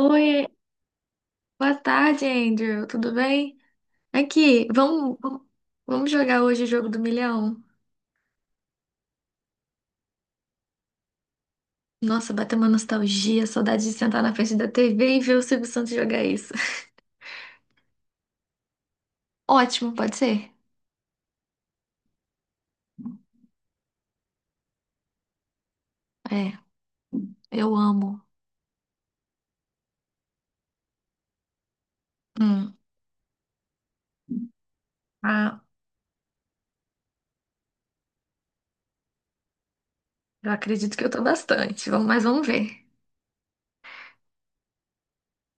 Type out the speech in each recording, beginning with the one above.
Oi, boa tarde, Andrew. Tudo bem? Aqui, vamos jogar hoje o jogo do milhão. Nossa, bateu uma nostalgia, saudade de sentar na frente da TV e ver o Silvio Santos jogar isso. Ótimo, pode ser? É, eu amo. Hum, ah, eu acredito que eu tô bastante. Vamos, mas vamos ver.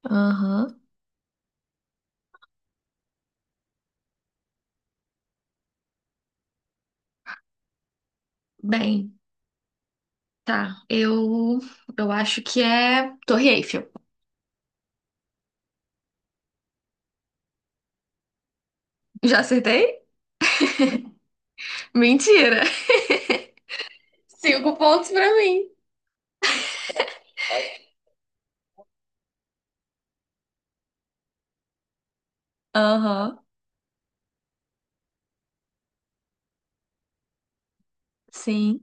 Aham. Bem, tá. Eu acho que é Torre Eiffel. Já acertei? Mentira! Cinco pontos pra mim. Aham, sim.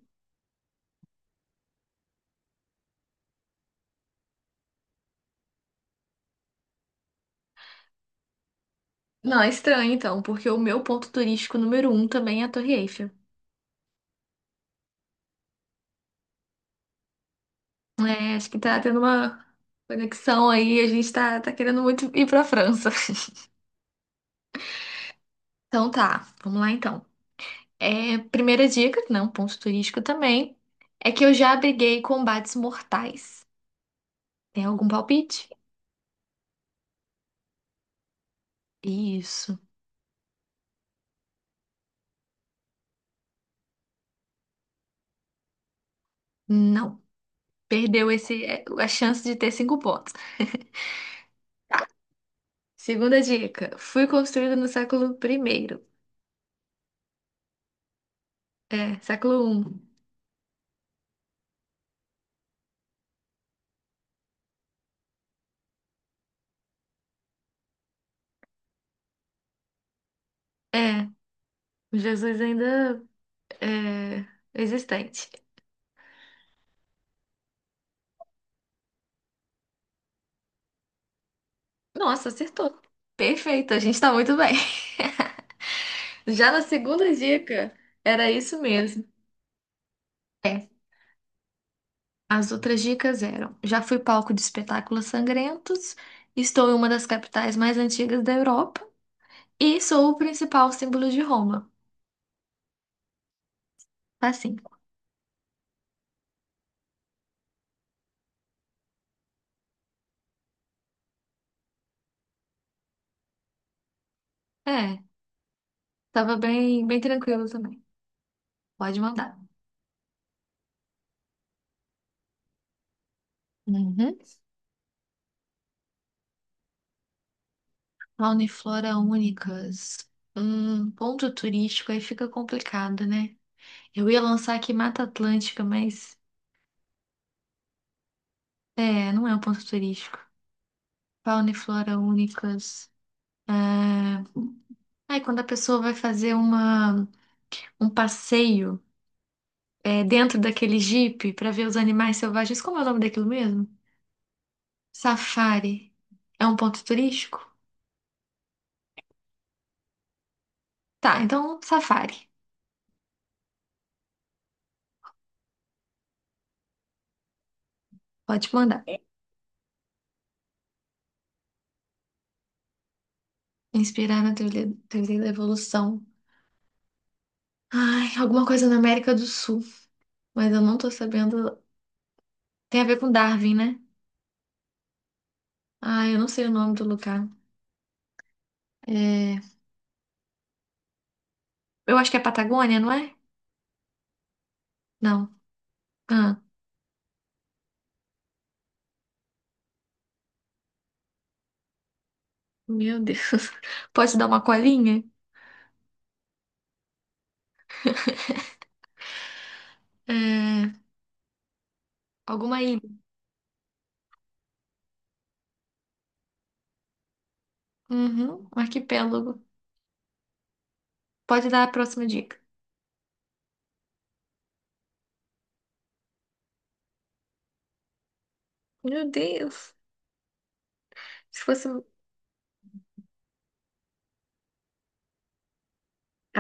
Não, é estranho então, porque o meu ponto turístico número um também é a Torre Eiffel. É, acho que tá tendo uma conexão aí, a gente tá querendo muito ir pra França. Então tá, vamos lá então. É, primeira dica, né, um ponto turístico também, é que eu já abriguei combates mortais. Tem algum palpite? Isso. Não. Perdeu esse, a chance de ter cinco pontos. Segunda dica, fui construída no século primeiro. É, século um. É, Jesus ainda. É, existente. Nossa, acertou. Perfeito, a gente tá muito bem. Já na segunda dica, era isso mesmo. É, as outras dicas eram: já fui palco de espetáculos sangrentos, estou em uma das capitais mais antigas da Europa e sou o principal símbolo de Roma. Tá cinco. É, tava bem, bem tranquilo também. Pode mandar. Uhum. Fauna e flora únicas. Ponto turístico aí fica complicado, né? Eu ia lançar aqui Mata Atlântica, mas não é um ponto turístico. Fauna e flora únicas. Ah, Ai, quando a pessoa vai fazer um passeio, dentro daquele jipe para ver os animais selvagens, como é o nome daquilo mesmo? Safari. É um ponto turístico? Tá, então safari. Pode mandar. Inspirar na teoria da evolução. Ai, alguma coisa na América do Sul, mas eu não tô sabendo. Tem a ver com Darwin, né? Ai, eu não sei o nome do lugar. É, eu acho que é Patagônia, não é? Não. Ah, meu Deus. Pode dar uma colinha? É, alguma ilha? Uhum, um arquipélago. Pode dar a próxima dica. Meu Deus. Se fosse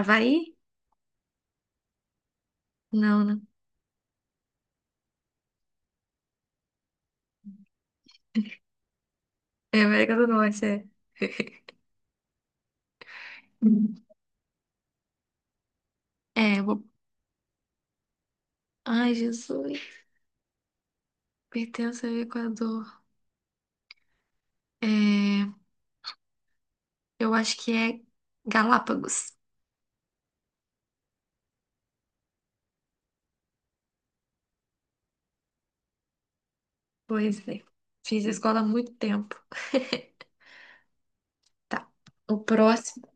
Havaí? Não, né? É América do Norte, é. É, eu vou... Ai, Jesus. Pertence ao Equador. É, eu acho que é Galápagos. Pois é. Fiz a escola há muito tempo. Tá. O próximo.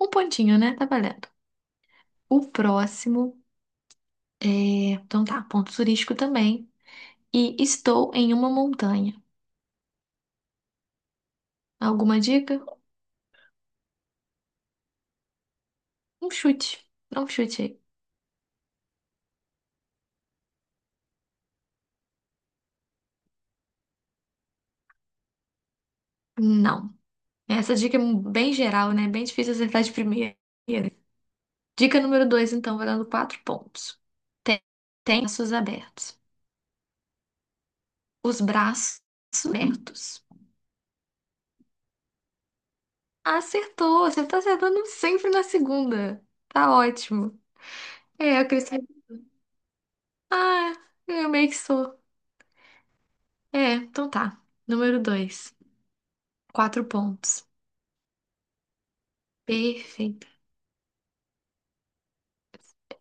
Um pontinho, né? Tá valendo. O próximo é. Então tá, ponto turístico também. E estou em uma montanha. Alguma dica? Um chute. Dá um chute aí. Não. Essa dica é bem geral, né? Bem difícil acertar de primeira. Dica número dois, então, valendo quatro pontos. Tem, tem braços abertos. Os braços abertos. Acertou! Você tá acertando sempre na segunda. Tá ótimo. É, eu cresci. Ah, eu meio que sou. É, então tá. Número dois. Quatro pontos. Perfeito.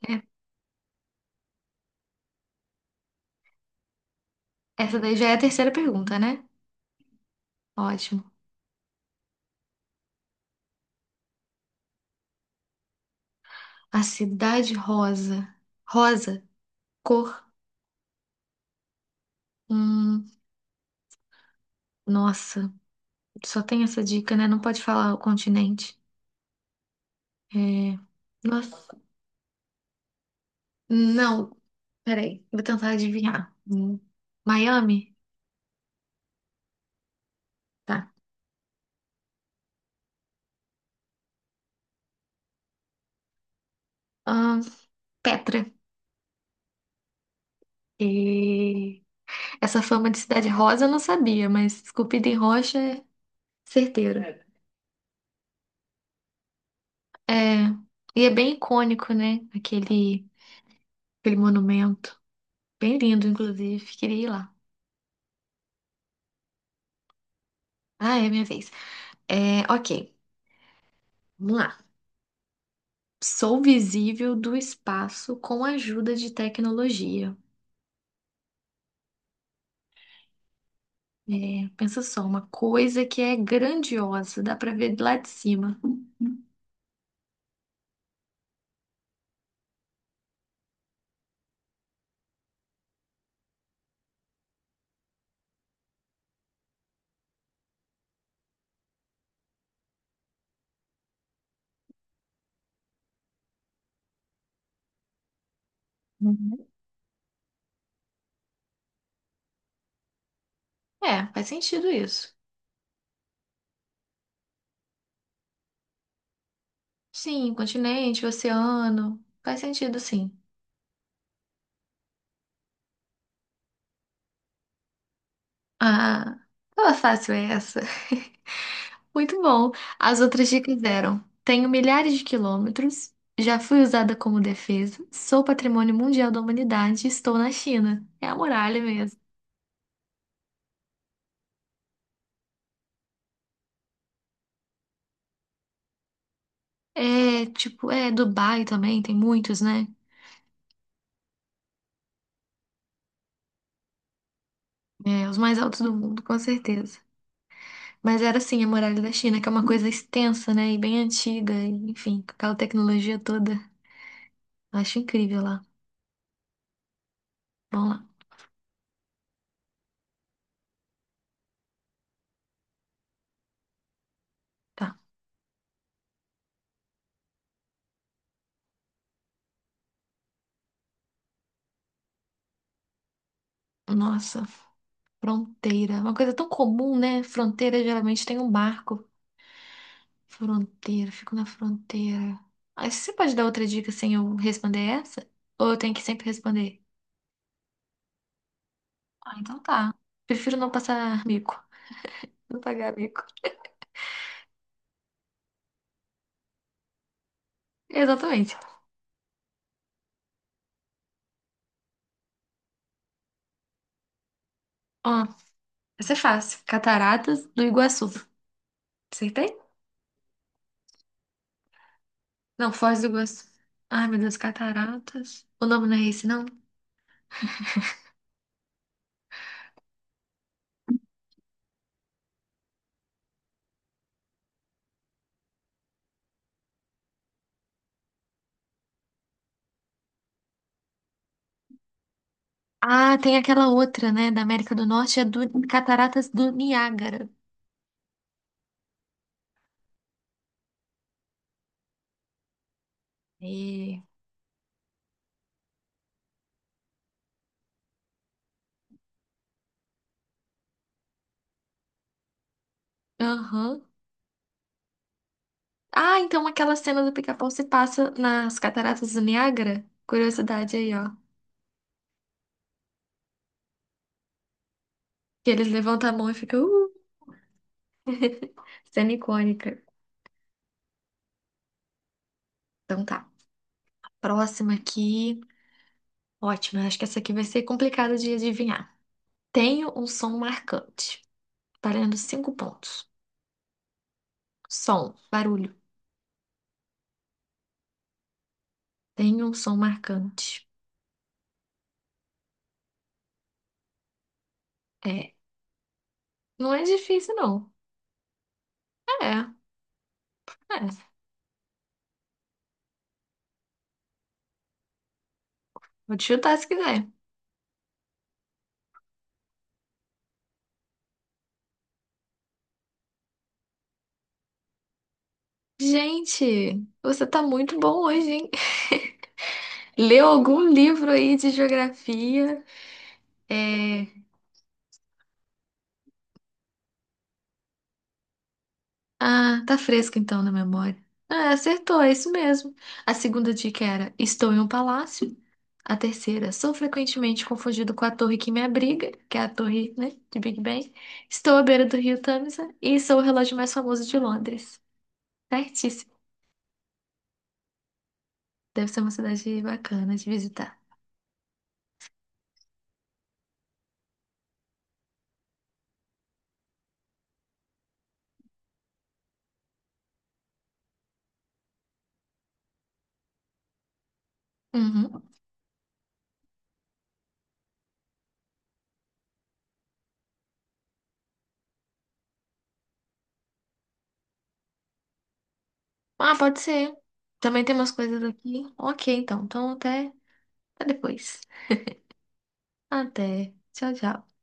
É, essa daí já é a terceira pergunta, né? Ótimo. A cidade rosa. Rosa, cor. Hum, nossa, só tem essa dica, né? Não pode falar o continente. É, nossa. Não, peraí. Vou tentar adivinhar. Miami? Tá. Ahn, Petra. E... Essa fama de cidade rosa eu não sabia, mas esculpida em rocha é certeiro. É. É, e é bem icônico, né? Aquele monumento. Bem lindo, inclusive. Queria ir lá. Ah, é minha vez. É, ok. Vamos lá. Sou visível do espaço com a ajuda de tecnologia. É, pensa só, uma coisa que é grandiosa, dá pra ver lá de cima. Uhum. É, faz sentido isso. Sim, continente, oceano. Faz sentido, sim. Ah, tava fácil essa. Muito bom. As outras dicas eram: tenho milhares de quilômetros, já fui usada como defesa, sou patrimônio mundial da humanidade, e estou na China. É a muralha mesmo. É, tipo, é Dubai também, tem muitos, né? É, os mais altos do mundo, com certeza. Mas era assim, a muralha da China, que é uma coisa extensa, né? E bem antiga, e, enfim, com aquela tecnologia toda. Acho incrível lá. Vamos lá. Tá. Nossa, fronteira. Uma coisa tão comum, né? Fronteira geralmente tem um barco. Fronteira, fico na fronteira. Aí você pode dar outra dica sem eu responder essa? Ou eu tenho que sempre responder? Ah, então tá. Prefiro não passar mico. Não pagar mico. Exatamente. Ó, essa é fácil. Cataratas do Iguaçu. Acertei? Não, Foz do Iguaçu. Ai, meu Deus, cataratas. O nome não é esse, não? Ah, tem aquela outra, né? Da América do Norte, é do Cataratas do Niágara. E... Aham. Ah, então aquela cena do Pica-Pau se passa nas Cataratas do Niágara? Curiosidade aí, ó. Que eles levantam a mão e ficam, cena icônica. Então tá. Próxima aqui. Ótima, acho que essa aqui vai ser complicada de adivinhar. Tenho um som marcante, valendo cinco pontos. Som, barulho. Tenho um som marcante. É, não é difícil, não. É, é. Vou te chutar se quiser. Gente, você tá muito bom hoje, hein? Leu algum livro aí de geografia? É... Ah, tá fresco então na memória. Ah, acertou, é isso mesmo. A segunda dica era: estou em um palácio. A terceira, sou frequentemente confundido com a torre que me abriga, que é a torre, né, de Big Ben. Estou à beira do rio Tâmisa e sou o relógio mais famoso de Londres. Certíssimo. Deve ser uma cidade bacana de visitar. Uhum. Ah, pode ser. Também tem umas coisas aqui. Ok, então. Então até depois. Até. Tchau, tchau.